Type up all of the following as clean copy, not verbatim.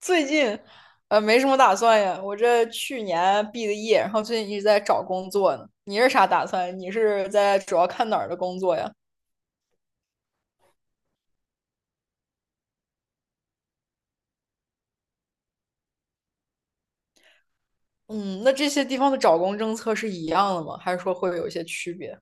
最近没什么打算呀，我这去年毕的业，然后最近一直在找工作呢。你是啥打算？你是在主要看哪儿的工作呀？嗯，那这些地方的找工政策是一样的吗？还是说会有一些区别？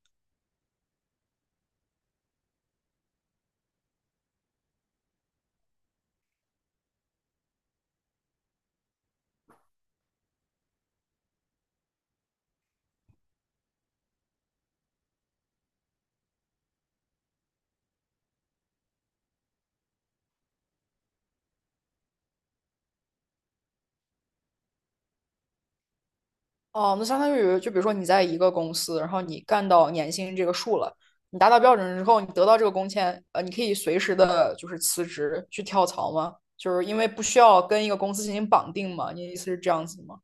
哦，那相当于就比如说你在一个公司，然后你干到年薪这个数了，你达到标准之后，你得到这个工签，你可以随时的就是辞职去跳槽吗？就是因为不需要跟一个公司进行绑定嘛？你的意思是这样子吗？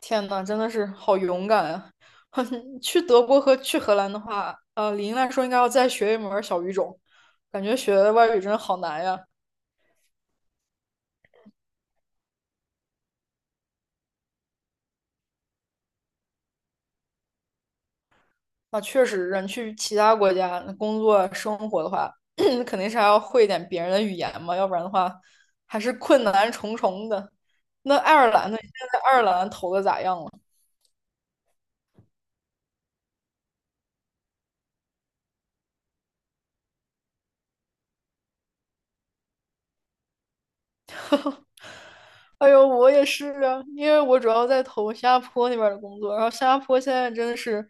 天呐，真的是好勇敢啊！去德国和去荷兰的话，理应来说应该要再学一门儿小语种，感觉学外语真的好难呀。啊，确实，人去其他国家工作生活的话，肯定是还要会一点别人的语言嘛，要不然的话还是困难重重的。那爱尔兰呢？你现在在爱尔兰投的咋样了？哎呦，我也是啊，因为我主要在投新加坡那边的工作，然后新加坡现在真的是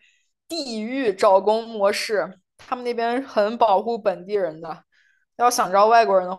地狱找工模式，他们那边很保护本地人的，要想招外国人的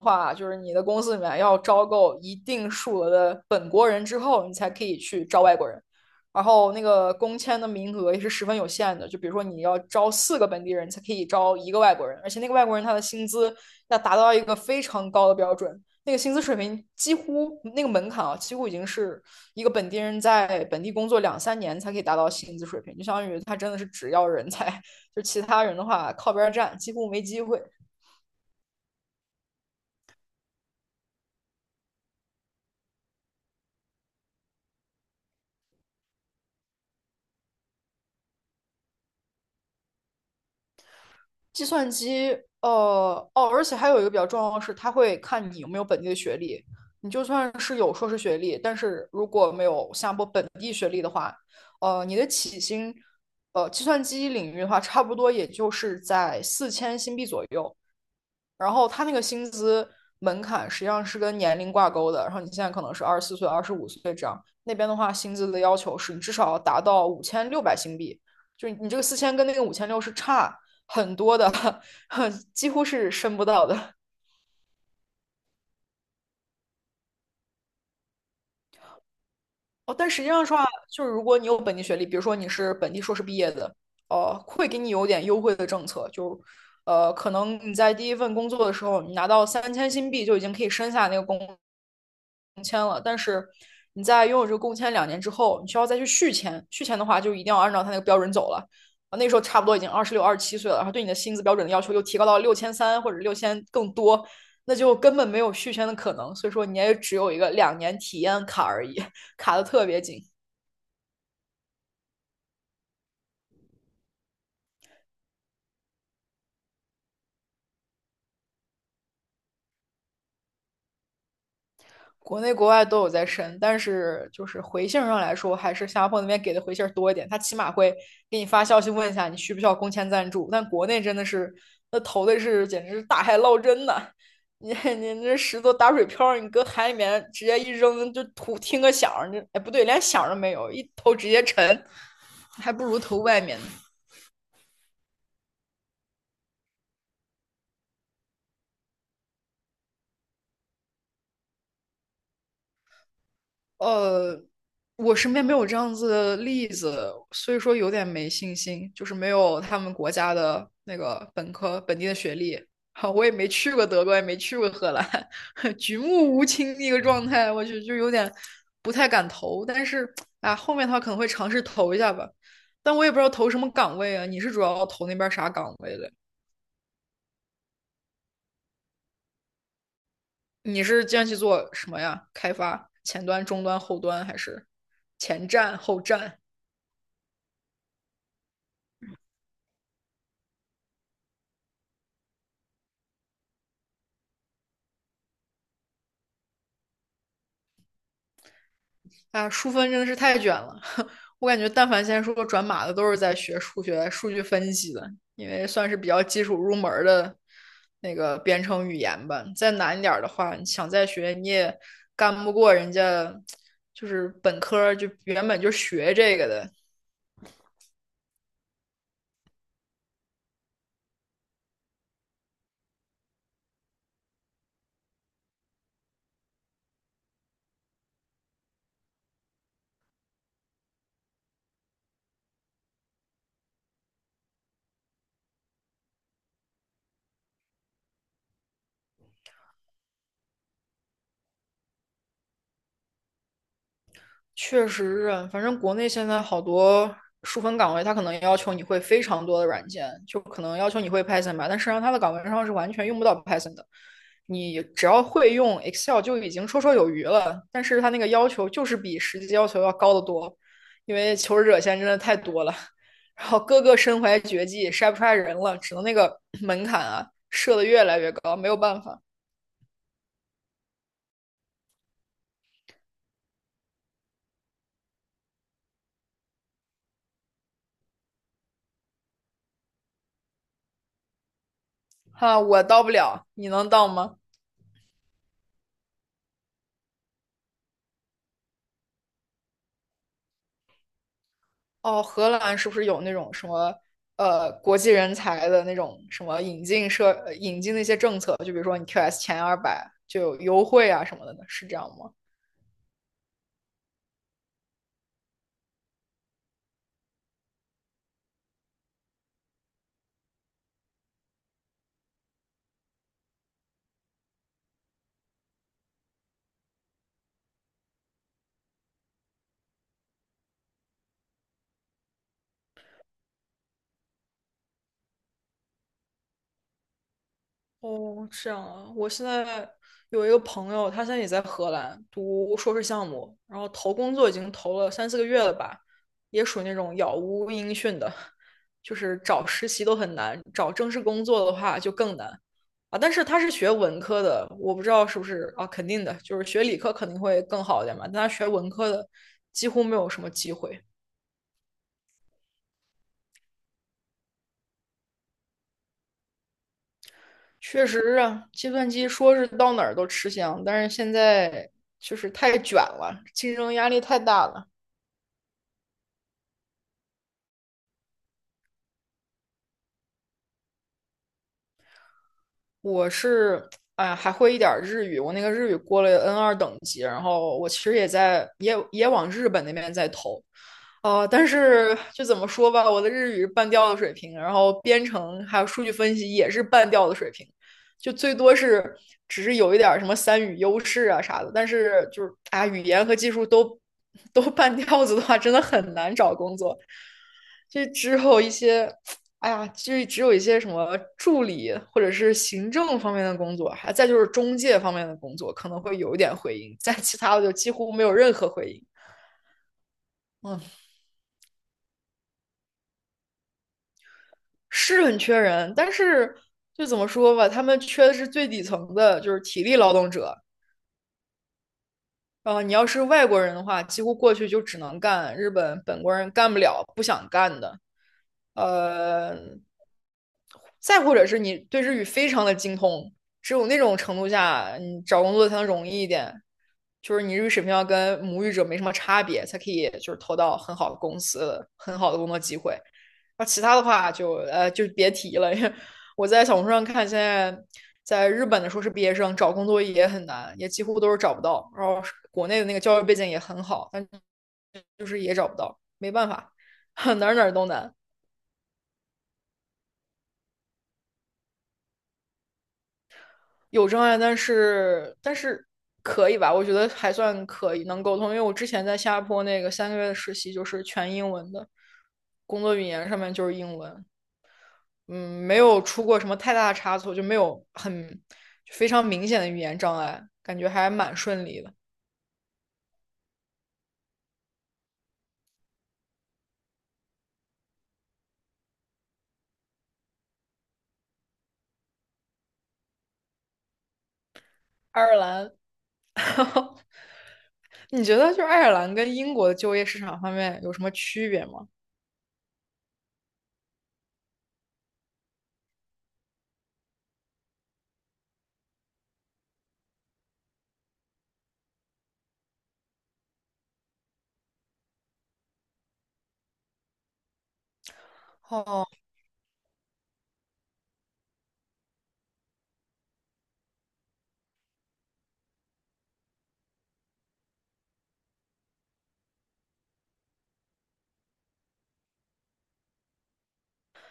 话，就是你的公司里面要招够一定数额的本国人之后，你才可以去招外国人。然后那个工签的名额也是十分有限的，就比如说你要招四个本地人才可以招一个外国人，而且那个外国人他的薪资要达到一个非常高的标准，那个薪资水平几乎那个门槛啊，几乎已经是一个本地人在本地工作两三年才可以达到薪资水平，就相当于他真的是只要人才，就其他人的话靠边站，几乎没机会。计算机，哦，而且还有一个比较重要的是，它会看你有没有本地的学历。你就算是有硕士学历，但是如果没有新加坡本地，你的起薪，计算机领域的话，差不多也就是在4000新币左右。然后他那个薪资门槛实际上是跟年龄挂钩的，然后你现在可能是24岁、25岁这样，那边的话薪资的要求是你至少要达到5600新币，就是你这个四千跟那个五千六是差很多的，几乎是升不到的。哦，但实际上说啊，就是如果你有本地学历，比如说你是本地硕士毕业的，会给你有点优惠的政策，就可能你在第一份工作的时候，你拿到3000新币就已经可以申下那个工签了，但是你在拥有这个工签两年之后，你需要再去续签，续签的话就一定要按照他那个标准走了。啊，那时候差不多已经26、27岁了，然后对你的薪资标准的要求又提高到6300或者六千更多，那就根本没有续签的可能，所以说你也只有一个2年体验卡而已。卡的特别紧。国内国外都有在申，但是就是回信上来说，还是新加坡那边给的回信多一点，他起码会给你发消息问一下你需不需要工签赞助。但国内真的是那投的是简直是大海捞针呐、啊你 你这石头打水漂，你搁海里面直接一扔就图听个响哎不对，连响都没有，一投直接沉，还不如投外面呢。呃，我身边没有这样子的例子，所以说有点没信心，就是没有他们国家的那个本科本地的学历。哈，我也没去过德国，也没去过荷兰，举目无亲那个状态，我就有点不太敢投。但是啊，后面他可能会尝试投一下吧，但我也不知道投什么岗位啊。你是主要投那边啥岗位的？你是这去做什么呀？开发前端、中端、后端，还是前站、后站？啊，数分真的是太卷了。我感觉，但凡现在说转码的，都是在学数学、数据分析的，因为算是比较基础入门的那个编程语言吧。再难一点的话，你想再学，你也干不过人家，就是本科就原本就学这个的，确实是，反正国内现在好多数分岗位，他可能要求你会非常多的软件，就可能要求你会 Python 吧，但实际上他的岗位上是完全用不到 Python 的。你只要会用 Excel 就已经绰绰有余了，但是他那个要求就是比实际要求要高得多，因为求职者现在真的太多了，然后个个身怀绝技，筛不出来人了，只能那个门槛啊设的越来越高，没有办法哈，我到不了，你能到吗？哦，荷兰是不是有那种什么国际人才的那种什么引进那些政策？就比如说你 QS 前200就有优惠啊什么的呢？是这样吗？哦，这样啊！我现在有一个朋友，他现在也在荷兰读硕士项目，然后投工作已经投了3、4个月了吧，也属于那种杳无音讯的，就是找实习都很难，找正式工作的话就更难啊。但是他是学文科的，我不知道是不是啊，肯定的，就是学理科肯定会更好一点嘛，但他学文科的几乎没有什么机会。确实啊，计算机说是到哪儿都吃香，但是现在就是太卷了，竞争压力太大了。我是，哎呀，还会一点儿日语，我那个日语过了 N2等级，然后我其实也在也往日本那边在投，但是就怎么说吧，我的日语是半吊子水平，然后编程还有数据分析也是半吊子水平，就最多是只是有一点儿什么三语优势啊啥的，但是就是啊，语言和技术都半吊子的话，真的很难找工作。这之后一些哎呀，就是只有一些什么助理或者是行政方面的工作，还再就是中介方面的工作可能会有一点回音，在其他的就几乎没有任何回音。嗯，是很缺人，但是就怎么说吧，他们缺的是最底层的，就是体力劳动者，你要是外国人的话，几乎过去就只能干日本本国人干不了、不想干的。呃，再或者是你对日语非常的精通，只有那种程度下，你找工作才能容易一点。就是你日语水平要跟母语者没什么差别，才可以就是投到很好的公司、很好的工作机会。那其他的话就别提了，我在小红书上看，现在在日本的硕士毕业生找工作也很难，也几乎都是找不到。然后国内的那个教育背景也很好，但就是也找不到，没办法，哪儿哪儿都难，有障碍，但是可以吧？我觉得还算可以，能沟通。因为我之前在新加坡那个3个月的实习就是全英文的，工作语言上面就是英文，嗯，没有出过什么太大的差错，就没有很非常明显的语言障碍，感觉还蛮顺利的。爱尔兰。你觉得就是爱尔兰跟英国的就业市场方面有什么区别吗？哦，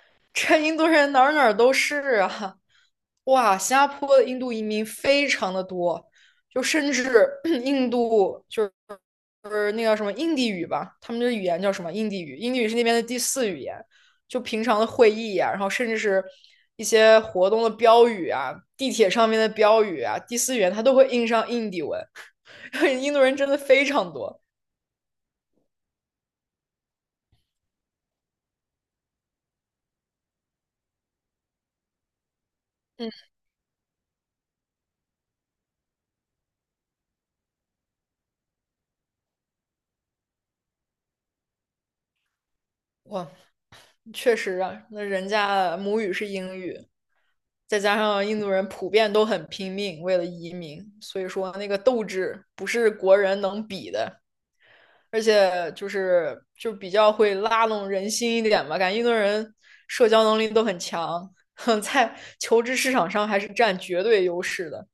这印度人哪儿哪儿都是啊！哇，新加坡的印度移民非常的多，就甚至 印度就是那个什么印地语吧，他们的语言叫什么印地语？印地语是那边的第四语言。就平常的会议呀、然后甚至是一些活动的标语啊，地铁上面的标语啊，第四语言它都会印上印地文，印度人真的非常多。哇，确实啊，那人家母语是英语，再加上印度人普遍都很拼命，为了移民，所以说那个斗志不是国人能比的，而且就是就比较会拉拢人心一点吧，感觉印度人社交能力都很强，在求职市场上还是占绝对优势的。